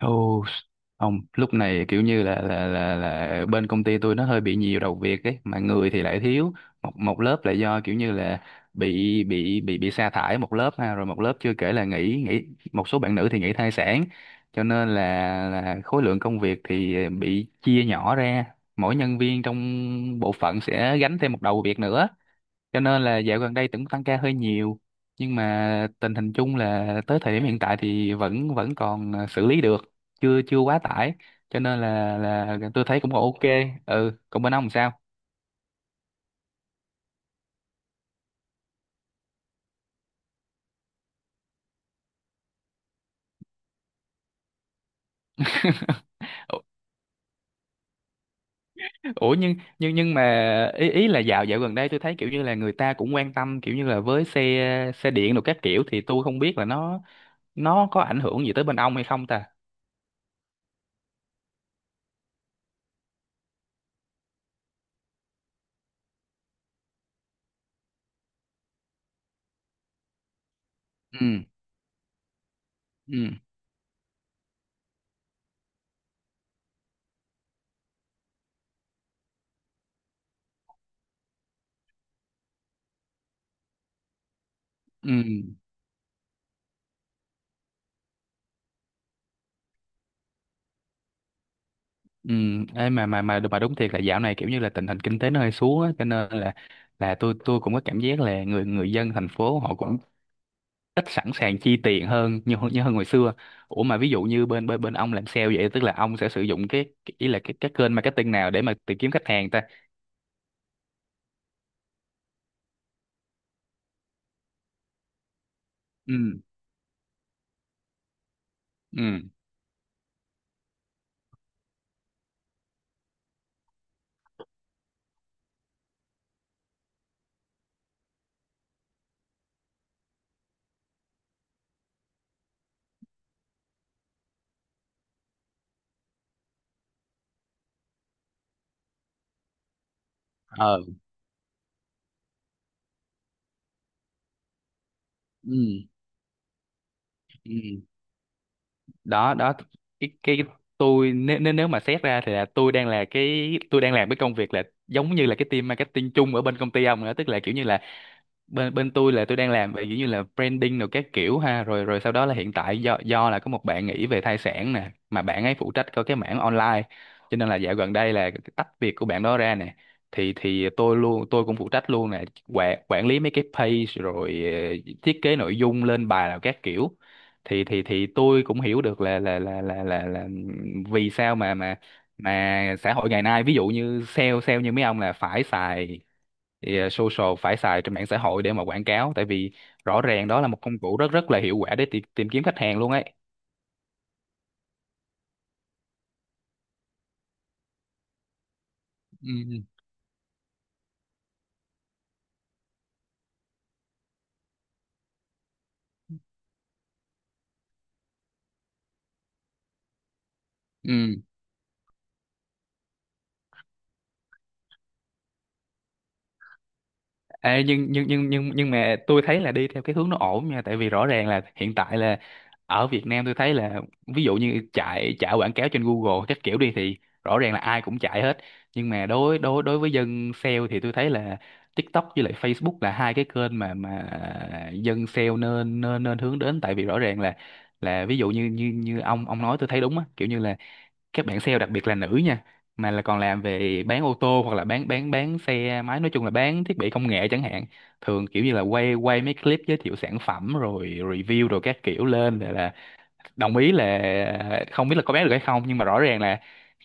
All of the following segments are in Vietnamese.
Ồ, không, lúc này kiểu như là bên công ty tôi nó hơi bị nhiều đầu việc ấy, mà người thì lại thiếu. Một một lớp là do kiểu như là bị sa thải một lớp ha, rồi một lớp chưa kể là nghỉ nghỉ một số bạn nữ thì nghỉ thai sản. Cho nên là khối lượng công việc thì bị chia nhỏ ra, mỗi nhân viên trong bộ phận sẽ gánh thêm một đầu việc nữa, cho nên là dạo gần đây tưởng tăng ca hơi nhiều, nhưng mà tình hình chung là tới thời điểm hiện tại thì vẫn vẫn còn xử lý được, chưa chưa quá tải, cho nên là tôi thấy cũng còn ok. Ừ, còn bên ông làm sao? Ủa, ủa, nhưng mà ý ý là dạo dạo gần đây tôi thấy kiểu như là người ta cũng quan tâm kiểu như là với xe xe điện rồi các kiểu, thì tôi không biết là nó có ảnh hưởng gì tới bên ông hay không ta. Ừ. Ừ. Ừ. Ừ, ấy mà đúng thiệt là dạo này kiểu như là tình hình kinh tế nó hơi xuống á, cho nên là tôi cũng có cảm giác là người người dân thành phố họ cũng ít sẵn sàng chi tiền hơn như như hơn hồi xưa. Ủa mà ví dụ như bên bên bên ông làm sale vậy, tức là ông sẽ sử dụng cái ý là cái kênh marketing nào để mà tìm kiếm khách hàng ta? Ừ. Ừ. Ờ. Ừ. Ừ. Đó, đó, cái tôi nếu nếu nếu mà xét ra thì là tôi đang là cái tôi đang làm cái công việc là giống như là cái team marketing chung ở bên công ty ông nữa, tức là kiểu như là bên bên tôi là tôi đang làm về giống như là branding rồi các kiểu ha, rồi rồi sau đó là hiện tại do là có một bạn nghỉ về thai sản nè, mà bạn ấy phụ trách có cái mảng online, cho nên là dạo gần đây là tách việc của bạn đó ra nè, thì tôi luôn tôi cũng phụ trách luôn nè, quản quản lý mấy cái page rồi thiết kế nội dung lên bài nào các kiểu, thì tôi cũng hiểu được là vì sao mà mà xã hội ngày nay ví dụ như sale sale như mấy ông là phải xài, thì social phải xài trên mạng xã hội để mà quảng cáo, tại vì rõ ràng đó là một công cụ rất rất là hiệu quả để tìm kiếm khách hàng luôn ấy. Ừ. Ừ. Ê, nhưng mà tôi thấy là đi theo cái hướng nó ổn nha, tại vì rõ ràng là hiện tại là ở Việt Nam tôi thấy là ví dụ như chạy chạy quảng cáo trên Google các kiểu đi thì rõ ràng là ai cũng chạy hết, nhưng mà đối đối đối với dân sale thì tôi thấy là TikTok với lại Facebook là hai cái kênh mà dân sale nên nên nên hướng đến, tại vì rõ ràng là ví dụ như như như ông nói tôi thấy đúng á, kiểu như là các bạn sale đặc biệt là nữ nha, mà là còn làm về bán ô tô hoặc là bán xe máy, nói chung là bán thiết bị công nghệ chẳng hạn, thường kiểu như là quay quay mấy clip giới thiệu sản phẩm rồi review rồi các kiểu lên, để là đồng ý là không biết là có bán được hay không, nhưng mà rõ ràng là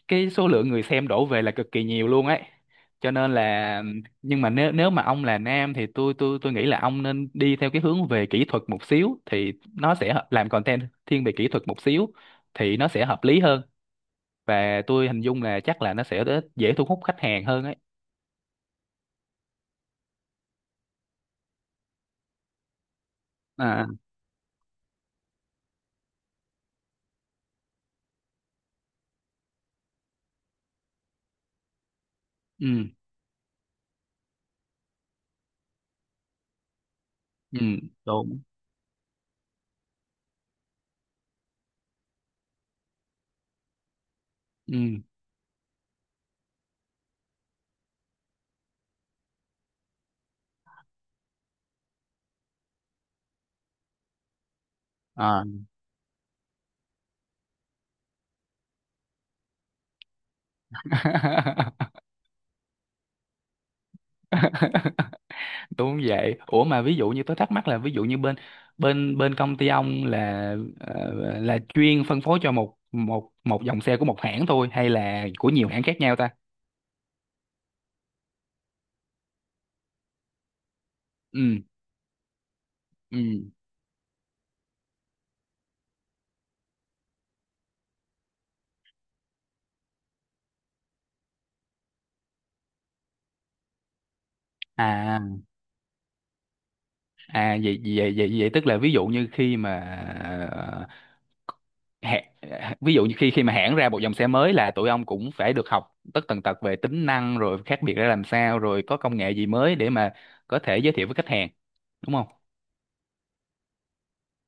cái số lượng người xem đổ về là cực kỳ nhiều luôn ấy, cho nên là nhưng mà nếu nếu mà ông là nam thì tôi nghĩ là ông nên đi theo cái hướng về kỹ thuật một xíu, thì nó sẽ làm content thiên về kỹ thuật một xíu thì nó sẽ hợp lý hơn, và tôi hình dung là chắc là nó sẽ dễ thu hút khách hàng hơn ấy. À. Ừ. Ừ. Đúng. Ừ. À. Đúng vậy. Ủa mà ví dụ như tôi thắc mắc là, ví dụ như bên bên bên công ty ông là ờ, là chuyên phân phối cho một một một dòng xe của một hãng thôi hay là của nhiều hãng khác nhau ta? Ừ. Ừ. À. À, vậy vậy vậy vậy tức là ví dụ như khi mà hẹ- ví dụ như khi khi mà hãng ra một dòng xe mới là tụi ông cũng phải được học tất tần tật về tính năng rồi khác biệt ra làm sao rồi có công nghệ gì mới để mà có thể giới thiệu với khách hàng, đúng không?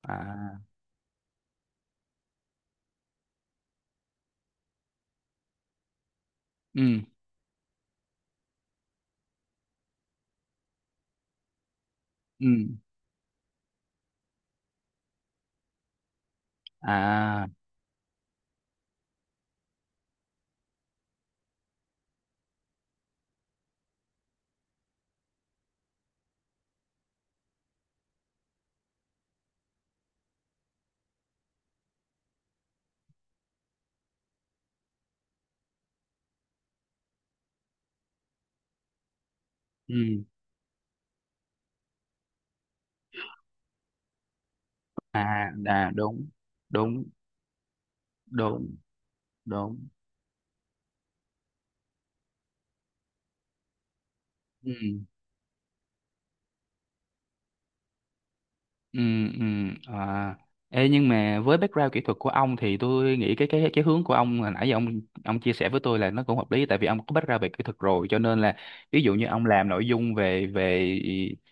À. Ừ. Ừ. À. Ừ. À. À. Đúng. Đúng. Đúng. Đúng. Ừ. Ừ, ừ, à. Ê, nhưng mà với background kỹ thuật của ông thì tôi nghĩ cái hướng của ông hồi nãy giờ ông chia sẻ với tôi là nó cũng hợp lý, tại vì ông có background về kỹ thuật rồi cho nên là ví dụ như ông làm nội dung về về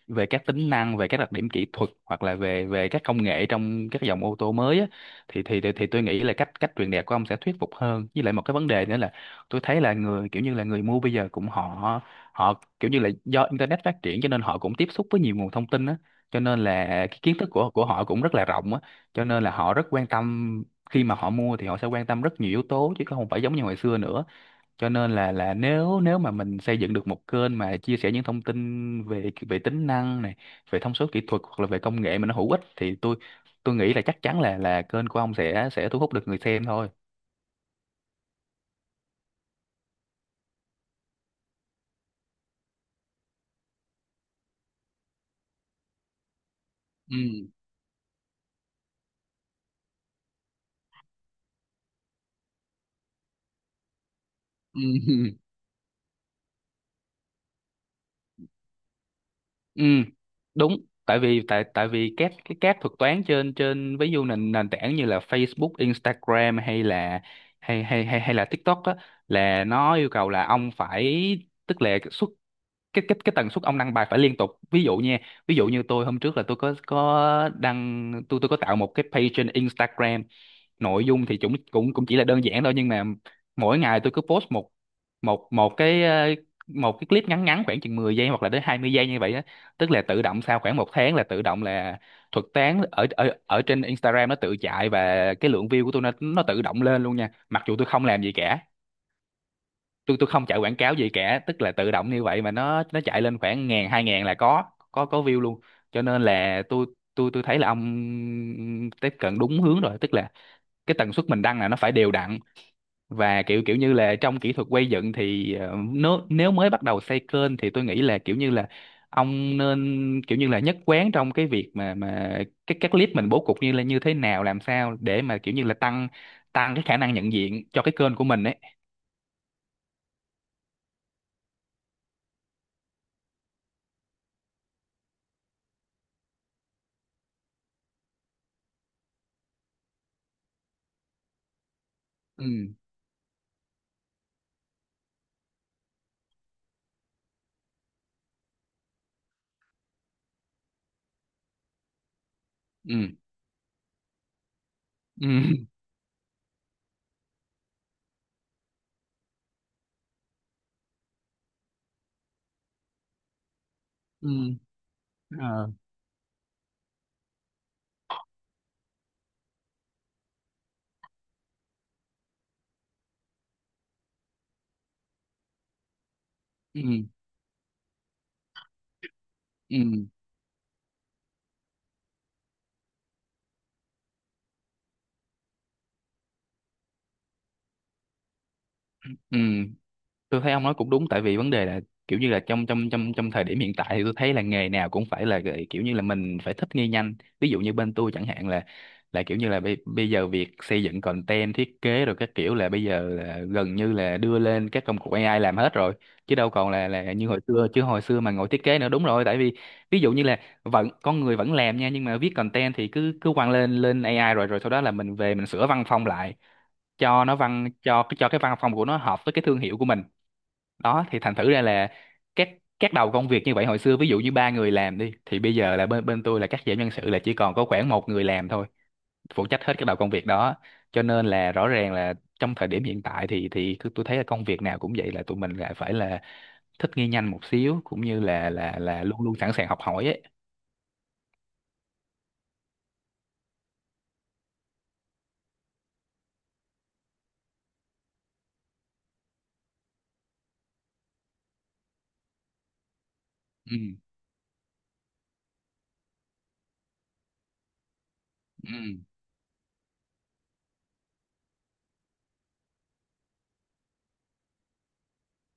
về các tính năng, về các đặc điểm kỹ thuật hoặc là về về các công nghệ trong các dòng ô tô mới á, thì tôi nghĩ là cách cách truyền đạt của ông sẽ thuyết phục hơn, với lại một cái vấn đề nữa là tôi thấy là người kiểu như là người mua bây giờ cũng họ họ kiểu như là do internet phát triển cho nên họ cũng tiếp xúc với nhiều nguồn thông tin á, cho nên là cái kiến thức của họ cũng rất là rộng á, cho nên là họ rất quan tâm, khi mà họ mua thì họ sẽ quan tâm rất nhiều yếu tố chứ không phải giống như hồi xưa nữa, cho nên là nếu nếu mà mình xây dựng được một kênh mà chia sẻ những thông tin về về tính năng này, về thông số kỹ thuật hoặc là về công nghệ mà nó hữu ích thì tôi nghĩ là chắc chắn là kênh của ông sẽ thu hút được người xem thôi. Ừ. Ừ. Ừ, đúng. Tại vì các thuật toán trên trên ví dụ nền nền tảng như là Facebook, Instagram hay là hay hay hay hay là TikTok á, là nó yêu cầu là ông phải tức là xuất cái cái tần suất ông đăng bài phải liên tục, ví dụ nha. Ví dụ như tôi hôm trước là tôi có đăng, tôi có tạo một cái page trên Instagram, nội dung thì cũng cũng cũng chỉ là đơn giản thôi, nhưng mà mỗi ngày tôi cứ post một một một cái ờ, một cái clip ngắn ngắn khoảng chừng 10 giây hoặc là đến 20 giây như vậy á, tức là tự động sau khoảng một tháng là tự động là thuật toán ở ở ở trên Instagram nó tự chạy, và cái lượng view của tôi nó tự động lên luôn nha, mặc dù tôi không làm gì cả, tôi không chạy quảng cáo gì cả, tức là tự động như vậy mà nó chạy lên khoảng ngàn hai ngàn là có view luôn, cho nên là tôi thấy là ông tiếp cận đúng hướng rồi, tức là cái tần suất mình đăng là nó phải đều đặn, và kiểu kiểu như là trong kỹ thuật quay dựng thì nếu nếu mới bắt đầu xây kênh thì tôi nghĩ là kiểu như là ông nên kiểu như là nhất quán trong cái việc mà cái các clip mình bố cục như là như thế nào làm sao để mà kiểu như là tăng tăng cái khả năng nhận diện cho cái kênh của mình ấy. Ừ. Ừ. Ừ. Ừ. Ờ. Ừ. Ừ. Ừ. Tôi thấy ông nói cũng đúng, tại vì vấn đề là kiểu như là trong trong trong trong thời điểm hiện tại thì tôi thấy là nghề nào cũng phải là kiểu như là mình phải thích nghi nhanh, ví dụ như bên tôi chẳng hạn là kiểu như là bây giờ việc xây dựng content thiết kế rồi các kiểu là bây giờ là gần như là đưa lên các công cụ AI làm hết rồi, chứ đâu còn là như hồi xưa, chứ hồi xưa mà ngồi thiết kế nữa, đúng rồi, tại vì ví dụ như là vẫn con người vẫn làm nha, nhưng mà viết content thì cứ cứ quăng lên lên AI rồi rồi sau đó là mình về mình sửa văn phong lại cho nó văn cho cái văn phòng của nó hợp với cái thương hiệu của mình, đó thì thành thử ra là các các đầu công việc như vậy hồi xưa ví dụ như ba người làm đi thì bây giờ là bên bên tôi là cắt giảm nhân sự là chỉ còn có khoảng một người làm thôi, phụ trách hết các đầu công việc đó, cho nên là rõ ràng là trong thời điểm hiện tại thì tôi thấy là công việc nào cũng vậy là tụi mình lại phải là thích nghi nhanh một xíu, cũng như là luôn luôn sẵn sàng học hỏi ấy. Ừ. Ừ.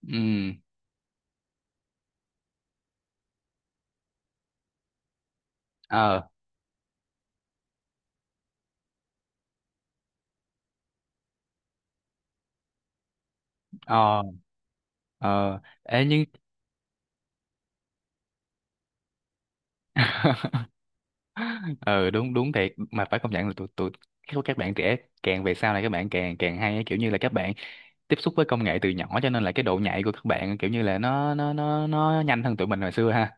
Ừ. Ờ. Ờ. Ờ. Ê, nhưng. Ừ, đúng, đúng thiệt, mà phải công nhận là tụi tụi các bạn trẻ càng về sau này các bạn càng càng hay á. Kiểu như là các bạn tiếp xúc với công nghệ từ nhỏ, cho nên là cái độ nhạy của các bạn kiểu như là nó nhanh hơn tụi mình hồi xưa ha.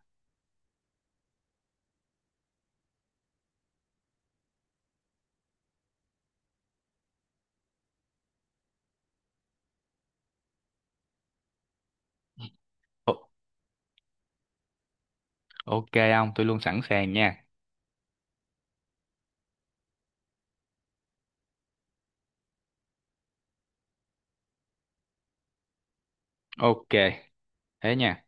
Ồ, ok, không, tôi luôn sẵn sàng nha. Ok, thế nha.